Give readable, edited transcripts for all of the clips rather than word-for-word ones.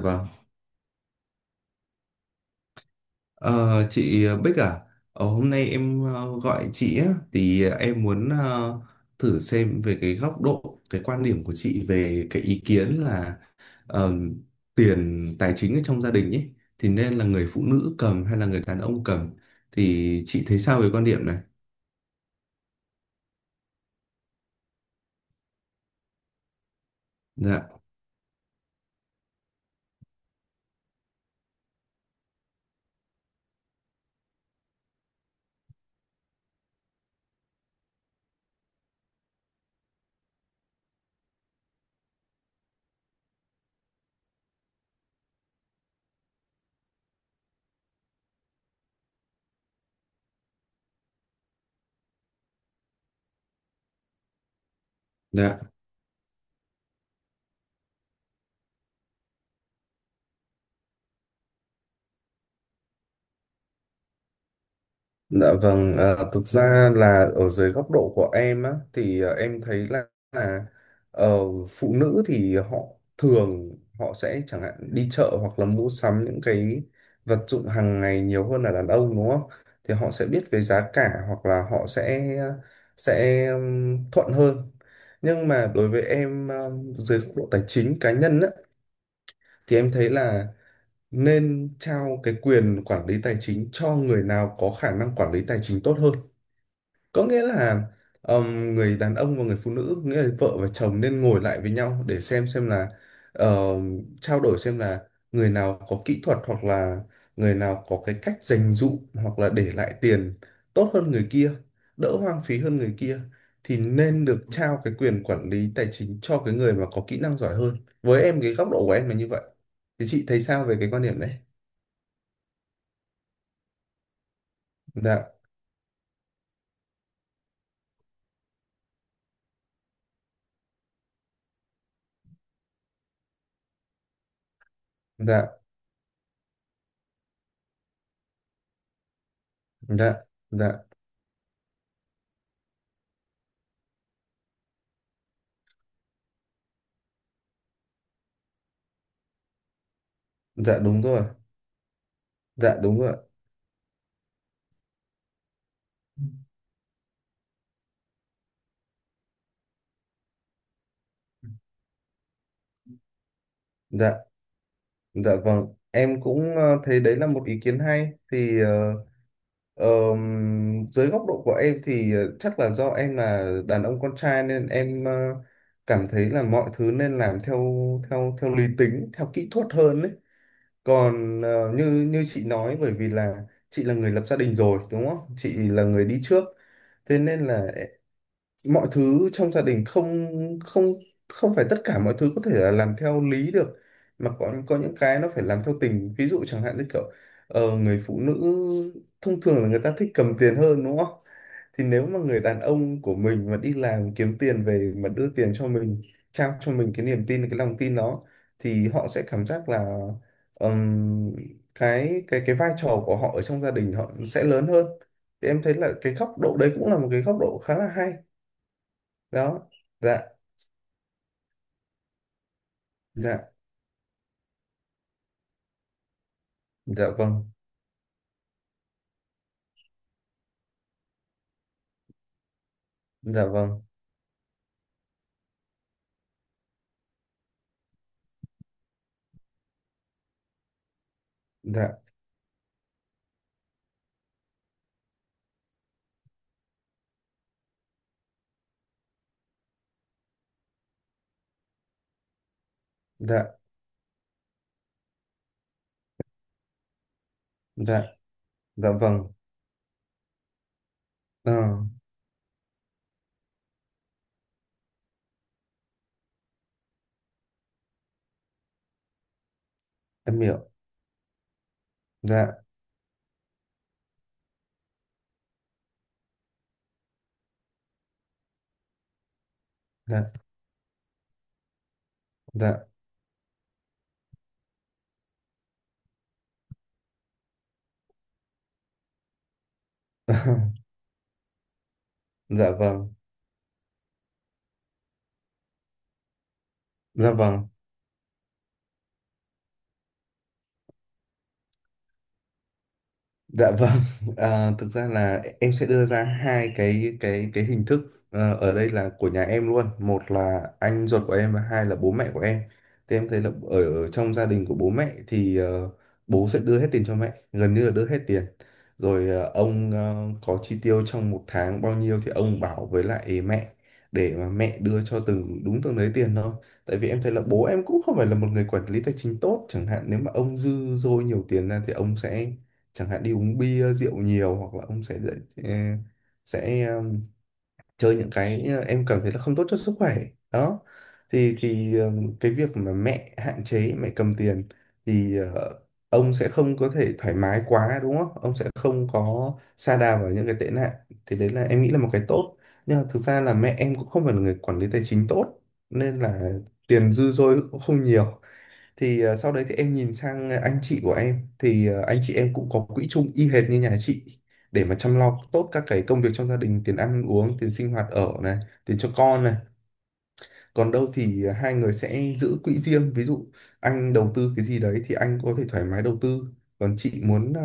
Vâng. Ờ, chị Bích à, hôm nay em gọi chị á, thì em muốn thử xem về cái góc độ, cái quan điểm của chị về cái ý kiến là ờ, tiền tài chính ở trong gia đình ấy, thì nên là người phụ nữ cầm hay là người đàn ông cầm, thì chị thấy sao về quan điểm này? Dạ, dạ. Dạ vâng, à, thực ra là ở dưới góc độ của em á, thì em thấy là ờ, phụ nữ thì họ thường họ sẽ chẳng hạn đi chợ hoặc là mua sắm những cái vật dụng hàng ngày nhiều hơn là đàn ông, đúng không? Thì họ sẽ biết về giá cả hoặc là họ sẽ thuận hơn. Nhưng mà đối với em à, dưới góc độ tài chính cá nhân á, thì em thấy là nên trao cái quyền quản lý tài chính cho người nào có khả năng quản lý tài chính tốt hơn. Có nghĩa là người đàn ông và người phụ nữ nghĩa là vợ và chồng nên ngồi lại với nhau để xem là, ờ, trao đổi xem là người nào có kỹ thuật hoặc là người nào có cái cách dành dụm hoặc là để lại tiền tốt hơn người kia, đỡ hoang phí hơn người kia, thì nên được trao cái quyền quản lý tài chính cho cái người mà có kỹ năng giỏi hơn. Với em cái góc độ của em là như vậy. Thì chị thấy sao về cái quan điểm đấy? Dạ. Dạ. Dạ. Dạ. Dạ đúng rồi. Dạ đúng rồi. Dạ. Dạ vâng, em cũng thấy đấy là một ý kiến hay. Thì dưới góc độ của em thì chắc là do em là đàn ông con trai nên em cảm thấy là mọi thứ nên làm theo theo theo lý tính, theo kỹ thuật hơn đấy. Còn như như chị nói, bởi vì là chị là người lập gia đình rồi đúng không? Chị là người đi trước. Thế nên là mọi thứ trong gia đình không không không phải tất cả mọi thứ có thể là làm theo lý được, mà có những cái nó phải làm theo tình. Ví dụ chẳng hạn như kiểu người phụ nữ thông thường là người ta thích cầm tiền hơn, đúng không? Thì nếu mà người đàn ông của mình mà đi làm kiếm tiền về mà đưa tiền cho mình, trao cho mình cái niềm tin cái lòng tin đó, thì họ sẽ cảm giác là ừm, cái vai trò của họ ở trong gia đình họ sẽ lớn hơn. Thì em thấy là cái góc độ đấy cũng là một cái góc độ khá là hay đó. Dạ. Dạ. Dạ vâng. Dạ vâng. Dạ. Dạ. Dạ. Dạ vâng. Ờ, em hiểu. Dạ. Dạ. Dạ. Dạ vâng. Dạ vâng. Dạ vâng, à, thực ra là em sẽ đưa ra hai cái hình thức, ở đây là của nhà em luôn, một là anh ruột của em và hai là bố mẹ của em. Thì em thấy là ở trong gia đình của bố mẹ thì bố sẽ đưa hết tiền cho mẹ, gần như là đưa hết tiền. Rồi ông có chi tiêu trong một tháng bao nhiêu thì ông bảo với lại mẹ để mà mẹ đưa cho từng đúng từng đấy tiền thôi. Tại vì em thấy là bố em cũng không phải là một người quản lý tài chính tốt, chẳng hạn nếu mà ông dư dôi nhiều tiền ra thì ông sẽ chẳng hạn đi uống bia rượu nhiều hoặc là ông ờ, sẽ chơi những cái, em cảm thấy là không tốt cho sức khỏe đó. Thì cái việc mà mẹ hạn chế mẹ cầm tiền thì ông sẽ không có thể thoải mái quá, đúng không? Ông sẽ không có sa đà vào những cái tệ nạn. Thì đấy là em nghĩ là một cái tốt. Nhưng mà thực ra là mẹ em cũng không phải là người quản lý tài chính tốt nên là tiền dư dôi cũng không nhiều. Thì sau đấy thì em nhìn sang anh chị của em thì anh chị em cũng có quỹ chung y hệt như nhà chị, để mà chăm lo tốt các cái công việc trong gia đình, tiền ăn uống, tiền sinh hoạt ở này, tiền cho con này. Còn đâu thì hai người sẽ giữ quỹ riêng, ví dụ anh đầu tư cái gì đấy thì anh có thể thoải mái đầu tư, còn chị muốn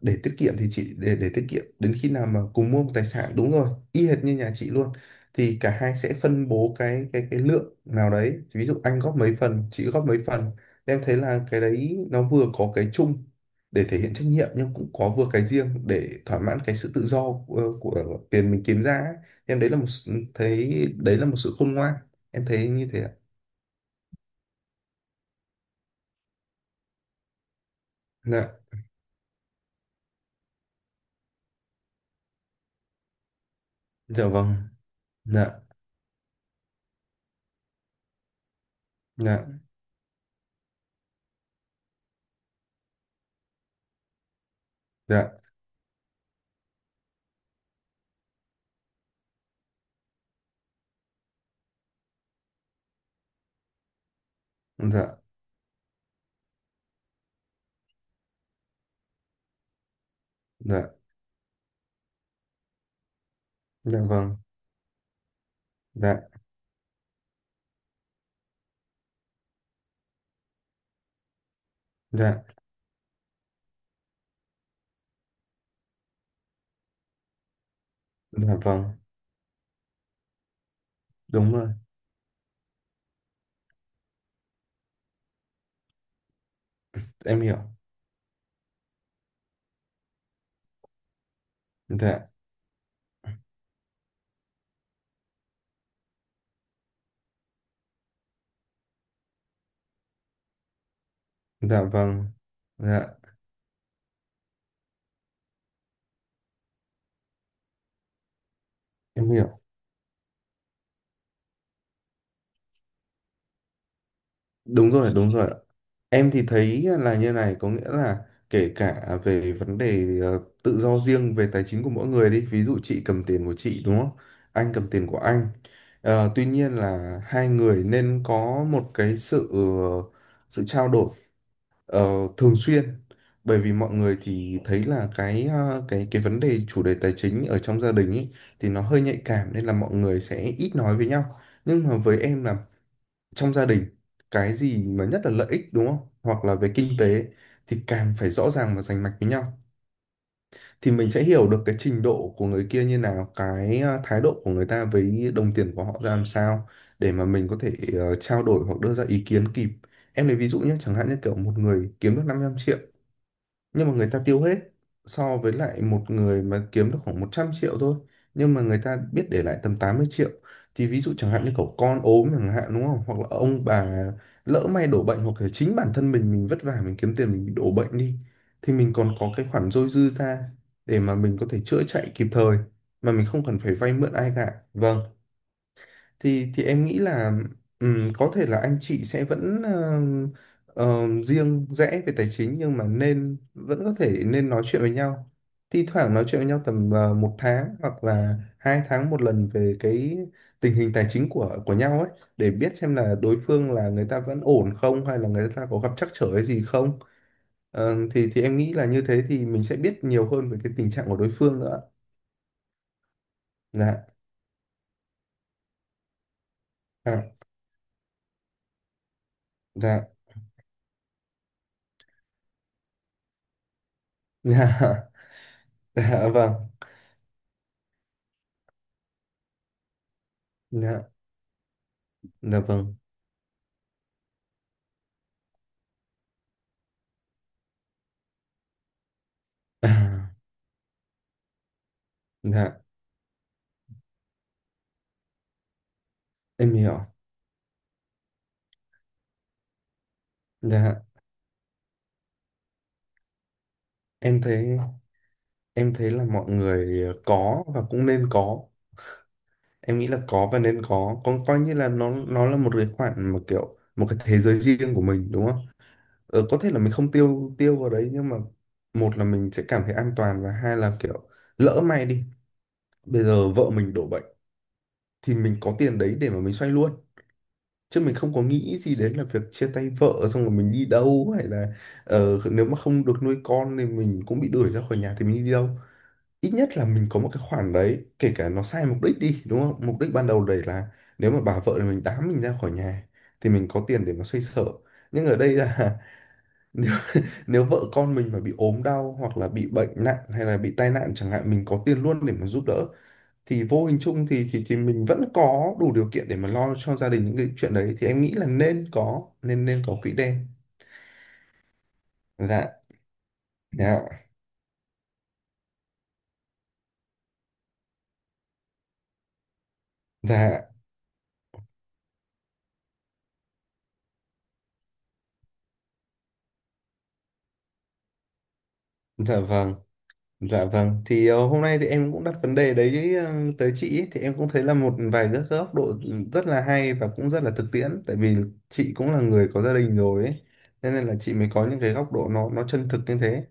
để tiết kiệm thì chị để tiết kiệm đến khi nào mà cùng mua một tài sản, đúng rồi y hệt như nhà chị luôn. Thì cả hai sẽ phân bố cái lượng nào đấy, ví dụ anh góp mấy phần chị góp mấy phần. Em thấy là cái đấy nó vừa có cái chung để thể hiện trách nhiệm, nhưng cũng có vừa cái riêng để thỏa mãn cái sự tự do của tiền mình kiếm ra ấy. Em đấy là một s- thấy đấy là một sự khôn ngoan, em thấy như thế ạ. Dạ. Dạ vâng. Dạ. Dạ. Dạ. Dạ. Dạ. Dạ vâng. Dạ. Dạ. Dạ vâng đúng rồi. Em hiểu. Dạ. Dạ vâng. Dạ. Em hiểu đúng rồi. Đúng rồi. Em thì thấy là như này, có nghĩa là kể cả về vấn đề tự do riêng về tài chính của mỗi người đi, ví dụ chị cầm tiền của chị đúng không, anh cầm tiền của anh. Tuy nhiên là hai người nên có một cái sự trao đổi, Ờ, thường xuyên, bởi vì mọi người thì thấy là cái ờ, cái vấn đề chủ đề tài chính ở trong gia đình ấy thì nó hơi nhạy cảm nên là mọi người sẽ ít nói với nhau. Nhưng mà với em là trong gia đình, cái gì mà nhất là lợi ích đúng không, hoặc là về kinh tế, thì càng phải rõ ràng và rành mạch với nhau. Thì mình sẽ hiểu được cái trình độ của người kia như nào, cái thái độ của người ta với đồng tiền của họ ra làm sao, để mà mình có thể trao đổi hoặc đưa ra ý kiến kịp. Em lấy ví dụ nhé, chẳng hạn như kiểu một người kiếm được 500 triệu nhưng mà người ta tiêu hết, so với lại một người mà kiếm được khoảng 100 triệu thôi, nhưng mà người ta biết để lại tầm 80 triệu. Thì ví dụ chẳng hạn như cậu con ốm chẳng hạn đúng không, hoặc là ông bà lỡ may đổ bệnh, hoặc là chính bản thân mình vất vả mình kiếm tiền, mình bị đổ bệnh đi, thì mình còn có cái khoản dôi dư ra để mà mình có thể chữa chạy kịp thời mà mình không cần phải vay mượn ai cả, vâng. Thì em nghĩ là có thể là anh chị sẽ vẫn riêng rẽ về tài chính, nhưng mà nên vẫn có thể nên nói chuyện với nhau, thi thoảng nói chuyện với nhau tầm một tháng hoặc là 2 tháng một lần về cái tình hình tài chính của nhau ấy, để biết xem là đối phương là người ta vẫn ổn không, hay là người ta có gặp trắc trở cái gì không. Thì em nghĩ là như thế thì mình sẽ biết nhiều hơn về cái tình trạng của đối phương nữa. Dạ. Dạ. Dạ. Dạ. Dạ vâng. Dạ. Dạ vâng. À, dạ, em hiểu. Dạ, em thấy em thấy là mọi người có và cũng nên có. Em nghĩ là có và nên có. Con coi như là nó là một cái khoản mà kiểu một cái thế giới riêng của mình đúng không? Có thể là mình không tiêu tiêu vào đấy, nhưng mà một là mình sẽ cảm thấy an toàn và hai là kiểu lỡ may đi, bây giờ vợ mình đổ bệnh thì mình có tiền đấy để mà mình xoay luôn, chứ mình không có nghĩ gì đến là việc chia tay vợ xong rồi mình đi đâu, hay là nếu mà không được nuôi con thì mình cũng bị đuổi ra khỏi nhà thì mình đi đâu. Ít nhất là mình có một cái khoản đấy, kể cả nó sai mục đích đi, đúng không, mục đích ban đầu đấy là nếu mà bà vợ thì mình đám mình ra khỏi nhà thì mình có tiền để mà xoay sở. Nhưng ở đây là, nếu, nếu vợ con mình mà bị ốm đau hoặc là bị bệnh nặng hay là bị tai nạn chẳng hạn, mình có tiền luôn để mà giúp đỡ. Thì vô hình chung thì thì mình vẫn có đủ điều kiện để mà lo cho gia đình những cái chuyện đấy. Thì em nghĩ là nên có quỹ đen. Dạ. Dạ. Dạ. Dạ vâng. Dạ vâng, thì hôm nay thì em cũng đặt vấn đề đấy tới chị ấy. Thì em cũng thấy là một vài các góc độ rất là hay và cũng rất là thực tiễn, tại vì chị cũng là người có gia đình rồi ấy. Cho nên là chị mới có những cái góc độ nó chân thực như thế.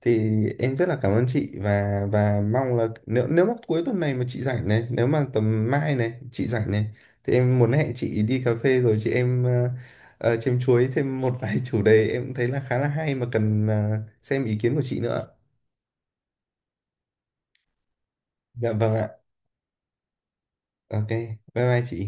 Thì em rất là cảm ơn chị, và mong là nếu nếu mà cuối tuần này mà chị rảnh này, nếu mà tầm mai này chị rảnh này thì em muốn hẹn chị đi cà phê, rồi chị em chém chuối thêm một vài chủ đề em thấy là khá là hay mà cần xem ý kiến của chị nữa. Dạ vâng ạ. Ok, bye bye chị.